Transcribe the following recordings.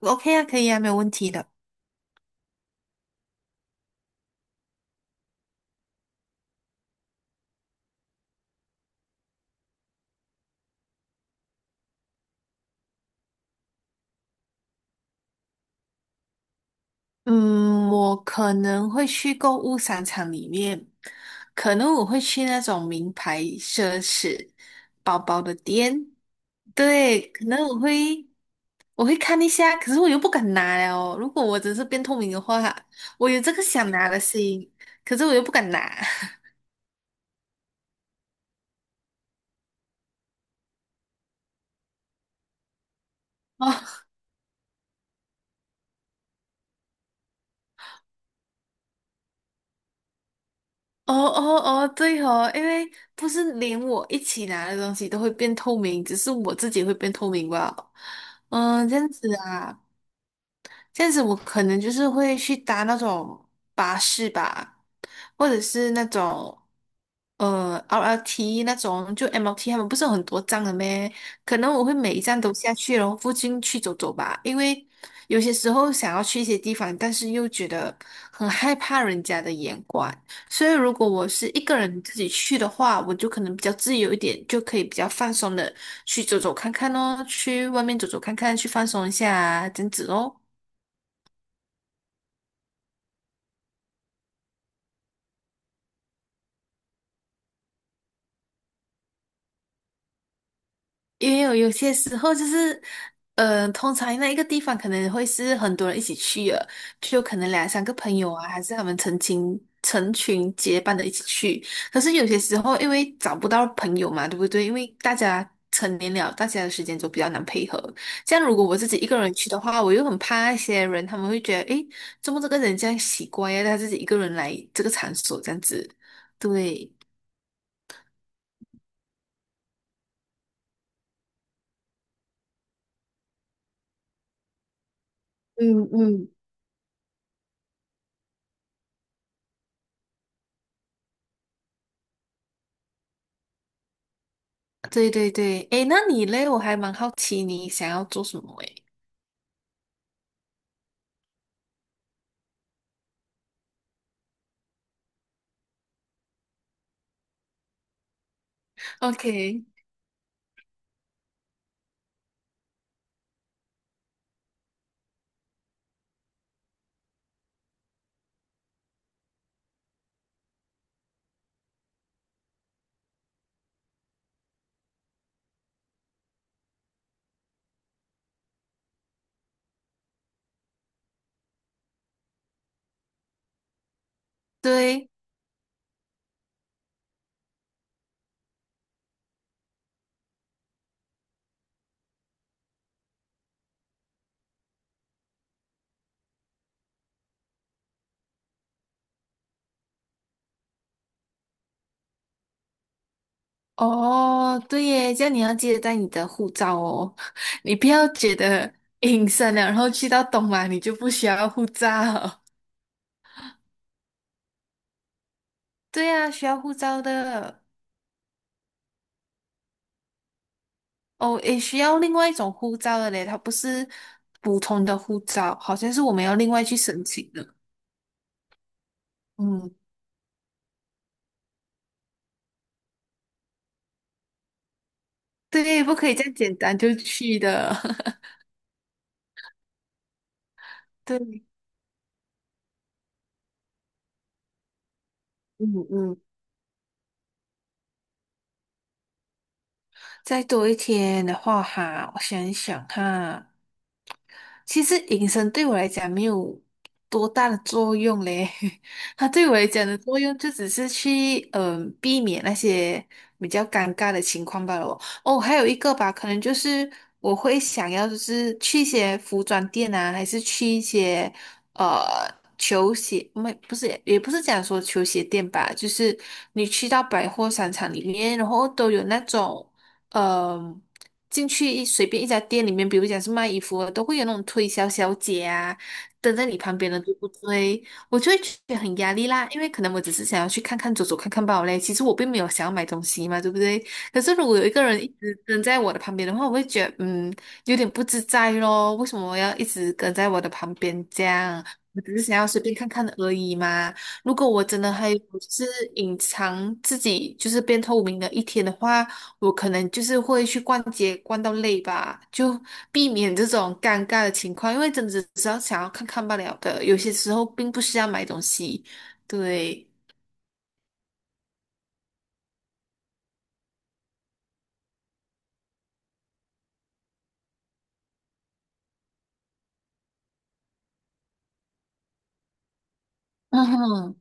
OK 啊，可以啊，没有问题的。嗯，我可能会去购物商场里面，可能我会去那种名牌奢侈包包的店，对，可能我会看一下，可是我又不敢拿了哦。如果我只是变透明的话，我有这个想拿的心，可是我又不敢拿。哦哦哦哦，对哦，因为不是连我一起拿的东西都会变透明，只是我自己会变透明吧。嗯，这样子啊。这样子我可能就是会去搭那种巴士吧，或者是那种RLT 那种，就 MLT 他们不是有很多站的咩？可能我会每一站都下去，然后附近去走走吧，因为有些时候想要去一些地方，但是又觉得很害怕人家的眼光，所以如果我是一个人自己去的话，我就可能比较自由一点，就可以比较放松的去走走看看哦，去外面走走看看，去放松一下啊，这样子哦。也有些时候就是，通常那一个地方可能会是很多人一起去的，就可能两三个朋友啊，还是他们成群成群结伴的一起去。可是有些时候，因为找不到朋友嘛，对不对？因为大家成年了，大家的时间就比较难配合。像如果我自己一个人去的话，我又很怕那些人，他们会觉得，诶，怎么这个人这样奇怪呀？他自己一个人来这个场所这样子，对。嗯嗯，对对对，诶，那你嘞？我还蛮好奇你想要做什么诶。OK，对，哦，对耶，这样你要记得带你的护照哦，你不要觉得隐身了，然后去到东马你就不需要护照。对啊，需要护照的。哦，也需要另外一种护照的嘞，它不是普通的护照，好像是我们要另外去申请的。嗯，对，不可以这样简单就去的。对，嗯嗯。再多一天的话哈，我想一想哈，其实隐身对我来讲没有多大的作用嘞，它对我来讲的作用就只是去避免那些比较尴尬的情况罢了哦。哦，还有一个吧，可能就是我会想要就是去一些服装店啊，还是去一些呃。球鞋没不是也不是讲说球鞋店吧，就是你去到百货商场里面，然后都有那种。嗯进去随便一家店里面，比如讲是卖衣服的，都会有那种推销小姐啊，蹲在你旁边的，对不对？我就会觉得很压力啦，因为可能我只是想要去看看、走走看看罢了嘞。其实我并没有想要买东西嘛，对不对？可是如果有一个人一直跟在我的旁边的话，我会觉得有点不自在咯。为什么我要一直跟在我的旁边这样？我只是想要随便看看而已嘛。如果我真的还有就是隐藏自己就是变透明的一天的话，我可能就是会去逛街逛到累吧，就避免这种尴尬的情况，因为真的只是要想要看看罢了的，有些时候并不是要买东西。对，嗯哼，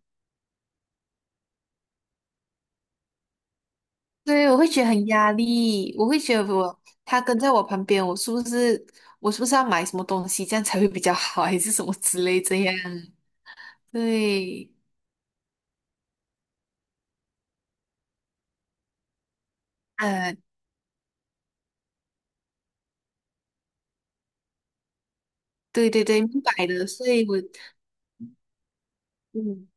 对，我会觉得很压力，我会觉得我他跟在我旁边，我是不是要买什么东西，这样才会比较好，还是什么之类这样？对，呃，对对对，明白的，所以我。嗯。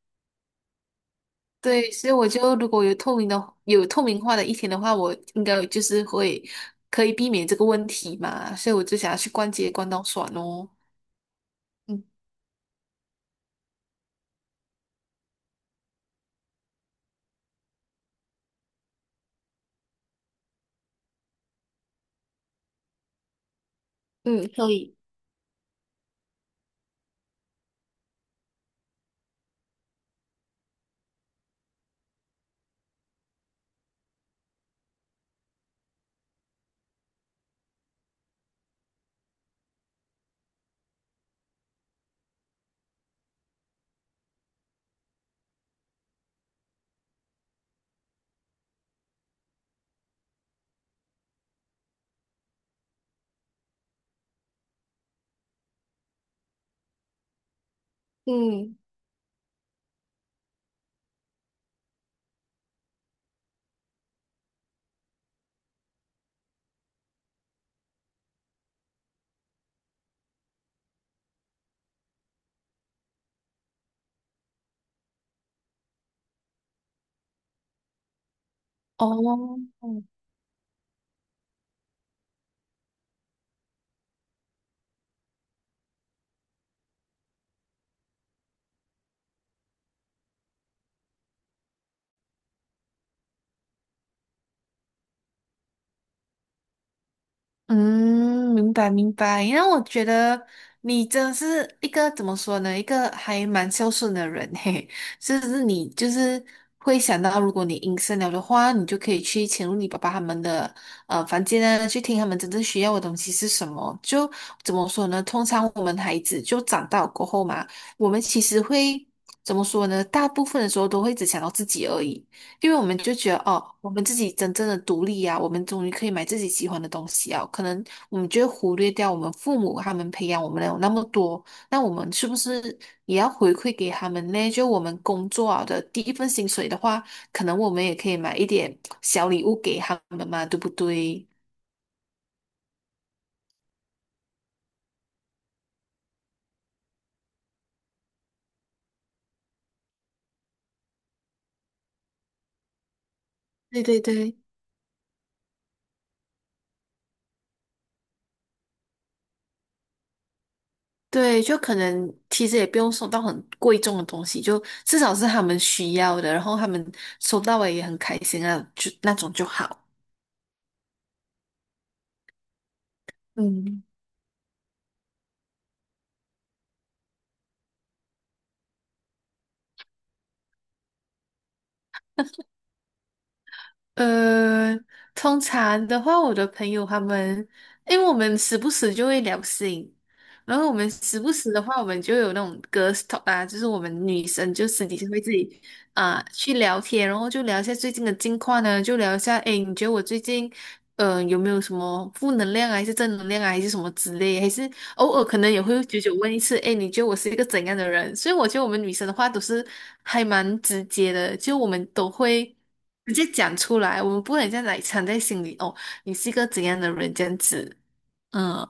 对，所以我就如果有透明化的一天的话，我应该就是会可以避免这个问题嘛，所以我就想要去逛街逛到爽哦。嗯，嗯，可以，嗯，哦，嗯。嗯，明白明白。因为我觉得你真的是一个怎么说呢？一个还蛮孝顺的人嘿。是不是你就是会想到，如果你隐身了的话，你就可以去潜入你爸爸他们的房间啊，去听他们真正需要的东西是什么。就怎么说呢？通常我们孩子就长大过后嘛，我们其实会怎么说呢？大部分的时候都会只想到自己而已。因为我们就觉得哦，我们自己真正的独立呀、我们终于可以买自己喜欢的东西啊。可能我们就会忽略掉我们父母他们培养我们的有那么多，那我们是不是也要回馈给他们呢？就我们工作啊的第一份薪水的话，可能我们也可以买一点小礼物给他们嘛，对不对？对对对对，就可能其实也不用送到很贵重的东西，就至少是他们需要的，然后他们收到了也很开心啊，就那种就好。嗯。呃，通常的话，我的朋友他们，因为我们时不时就会聊性，然后我们时不时的话，我们就有那种 GIRST 啊，就是我们女生就私底下会自己啊、去聊天，然后就聊一下最近的近况呢，就聊一下，诶，你觉得我最近有没有什么负能量啊，还是正能量啊，还是什么之类，还是偶尔可能也会久久问一次，哎，你觉得我是一个怎样的人？所以我觉得我们女生的话都是还蛮直接的，就我们都会直接讲出来，我们不会这样来藏在心里哦，你是一个怎样的人这样子，嗯，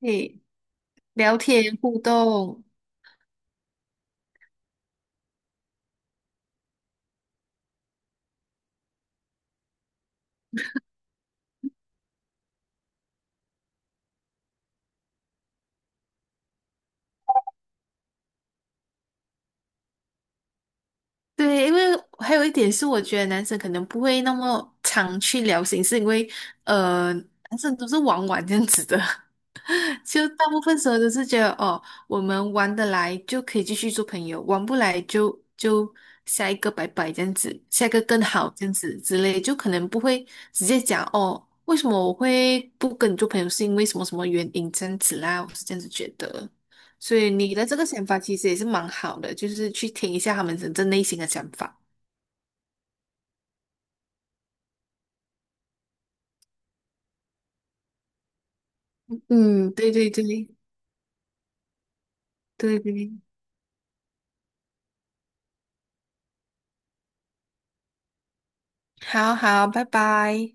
对，聊天互动，对，因为还有一点是，我觉得男生可能不会那么常去聊心事，因为男生都是玩玩这样子的，就大部分时候都是觉得哦，我们玩得来就可以继续做朋友，玩不来就下一个拜拜这样子，下一个更好这样子之类，就可能不会直接讲哦，为什么我会不跟你做朋友，是因为什么什么原因这样子啦，我是这样子觉得。所以你的这个想法其实也是蛮好的，就是去听一下他们真正内心的想法。嗯，对对对对对，好好，拜拜。